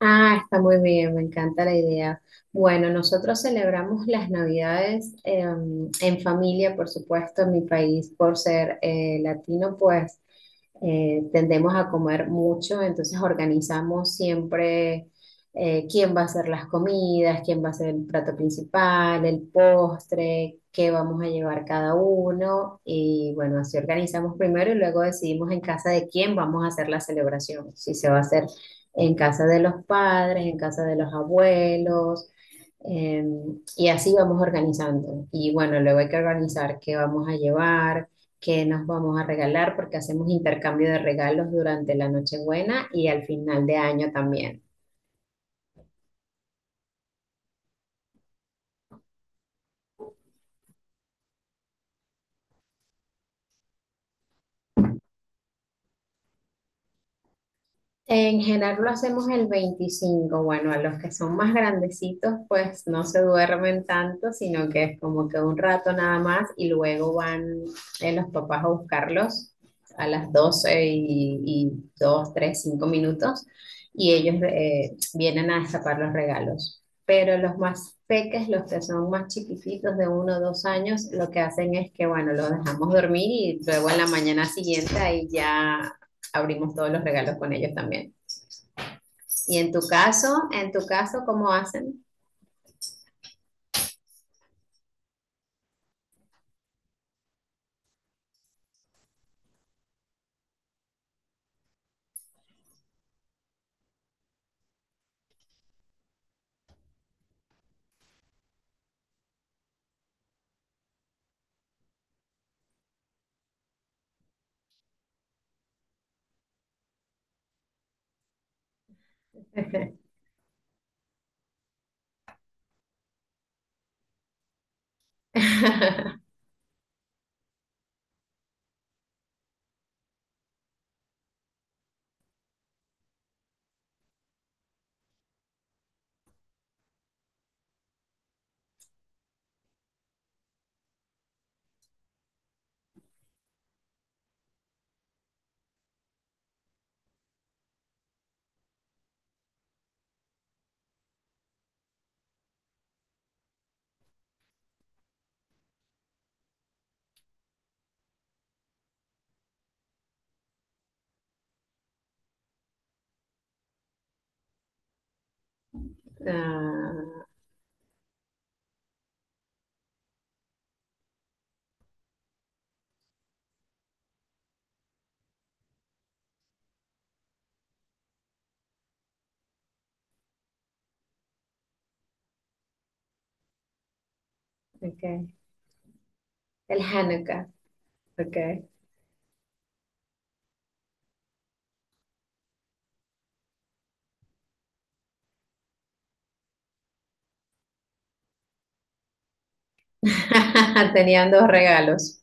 Ah, está muy bien, me encanta la idea. Bueno, nosotros celebramos las Navidades en familia, por supuesto, en mi país, por ser latino, pues tendemos a comer mucho, entonces organizamos siempre quién va a hacer las comidas, quién va a hacer el plato principal, el postre, qué vamos a llevar cada uno. Y bueno, así organizamos primero y luego decidimos en casa de quién vamos a hacer la celebración, si se va a hacer en casa de los padres, en casa de los abuelos, eh, y así vamos organizando. Y bueno, luego hay que organizar qué vamos a llevar, qué nos vamos a regalar, porque hacemos intercambio de regalos durante la Nochebuena y al final de año también. En general lo hacemos el 25. Bueno, a los que son más grandecitos, pues no se duermen tanto, sino que es como que un rato nada más y luego van los papás a buscarlos a las 12 y, 2, 3, 5 minutos y ellos vienen a destapar los regalos. Pero los más peques, los que son más chiquititos de 1 o 2 años, lo que hacen es que, bueno, los dejamos dormir y luego en la mañana siguiente ahí ya abrimos todos los regalos con ellos también. ¿Y en tu caso, cómo hacen? Okay. Ah, okay. El Hanukkah, ok. Tenían dos regalos.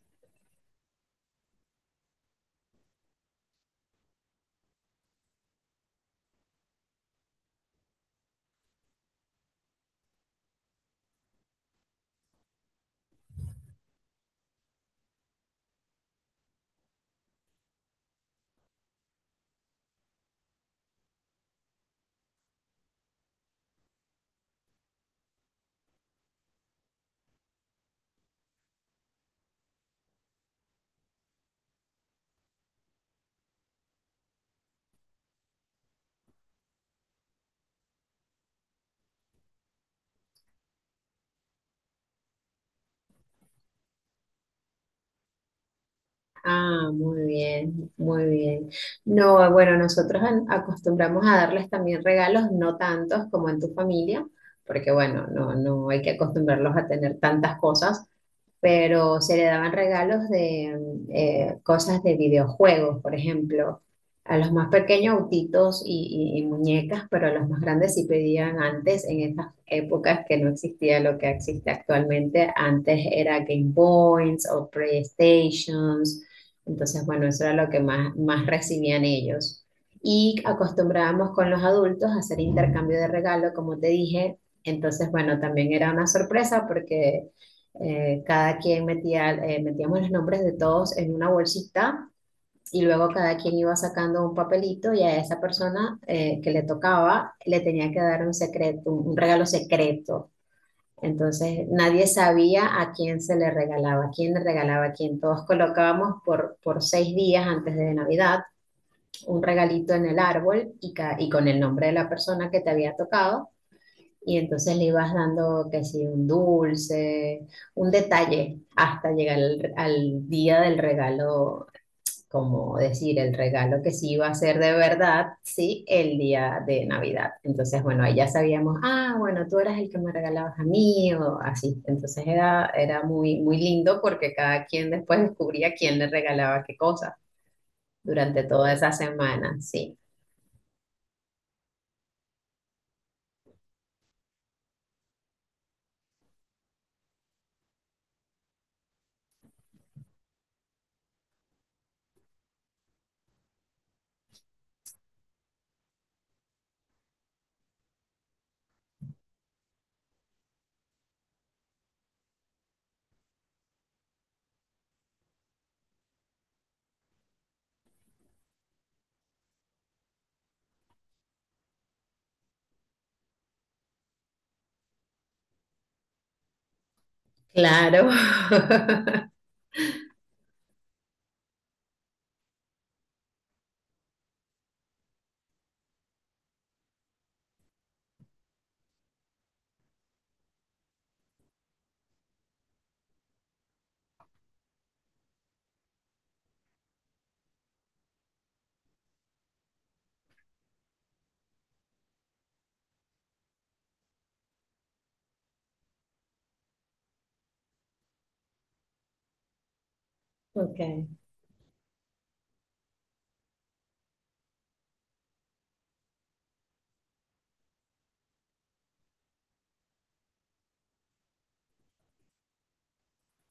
Ah, muy bien, muy bien. No, bueno, nosotros acostumbramos a darles también regalos, no tantos como en tu familia, porque bueno, no, no hay que acostumbrarlos a tener tantas cosas, pero se le daban regalos de cosas de videojuegos, por ejemplo. A los más pequeños autitos y muñecas, pero a los más grandes sí pedían antes, en esas épocas que no existía lo que existe actualmente. Antes era Game Boys o PlayStations. Entonces, bueno, eso era lo que más, más recibían ellos. Y acostumbrábamos con los adultos a hacer intercambio de regalo, como te dije. Entonces, bueno, también era una sorpresa porque cada quien metía, metíamos los nombres de todos en una bolsita y luego cada quien iba sacando un papelito y a esa persona que le tocaba le tenía que dar un secreto, un regalo secreto. Entonces nadie sabía a quién se le regalaba, a quién le regalaba, a quién. Todos colocábamos por 6 días antes de Navidad un regalito en el árbol y con el nombre de la persona que te había tocado y entonces le ibas dando, que si un dulce, un detalle, hasta llegar al día del regalo, como decir, el regalo que sí iba a ser de verdad, sí, el día de Navidad. Entonces, bueno, ahí ya sabíamos, ah, bueno, tú eras el que me regalabas a mí, o así. Entonces era, era muy, muy lindo porque cada quien después descubría quién le regalaba qué cosa durante toda esa semana, sí. Claro. Ok,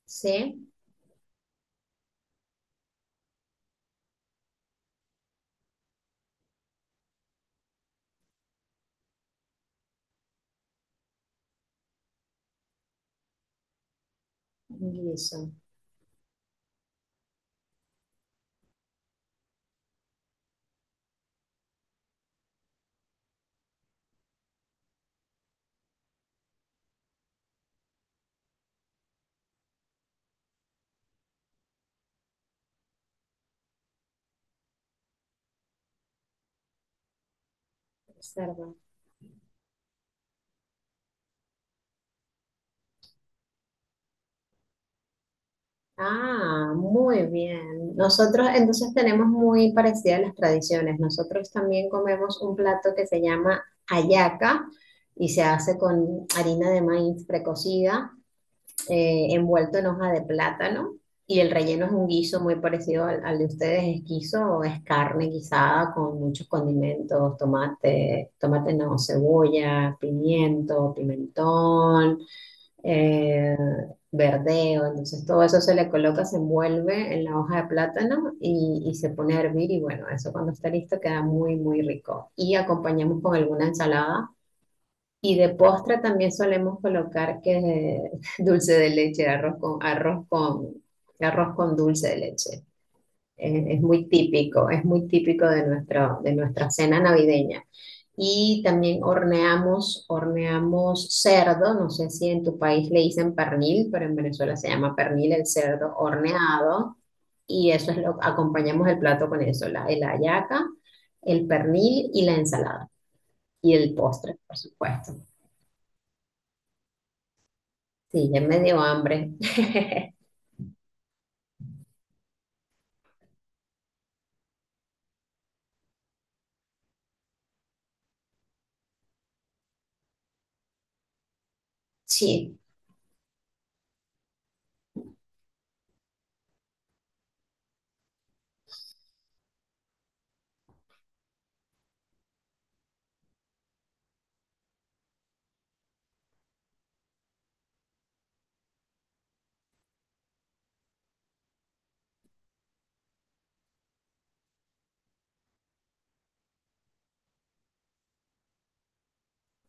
sí, eso. Cerdo. Ah, muy bien. Nosotros entonces tenemos muy parecidas las tradiciones. Nosotros también comemos un plato que se llama hallaca y se hace con harina de maíz precocida, envuelto en hoja de plátano y el relleno es un guiso muy parecido al de ustedes. Es guiso, es carne guisada con muchos condimentos, tomate, tomate no, cebolla, pimiento, pimentón eh, verdeo, entonces todo eso se le coloca, se envuelve en la hoja de plátano y se pone a hervir y bueno, eso cuando está listo queda muy, muy rico. Y acompañamos con alguna ensalada y de postre también solemos colocar que dulce de leche, arroz con dulce de leche. Es muy típico de, nuestro, de nuestra cena navideña. Y también horneamos, horneamos cerdo, no sé si en tu país le dicen pernil, pero en Venezuela se llama pernil el cerdo horneado. Y eso es lo, acompañamos el plato con eso, la hallaca, el pernil y la ensalada. Y el postre, por supuesto. Sí, ya me dio hambre. Sí.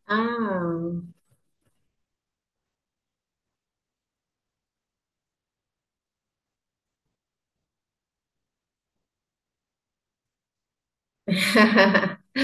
Ah.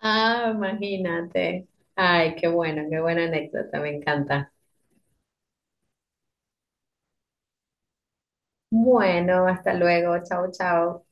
Ah, imagínate. Ay, qué bueno, qué buena anécdota, me encanta. Bueno, hasta luego. Chao, chao.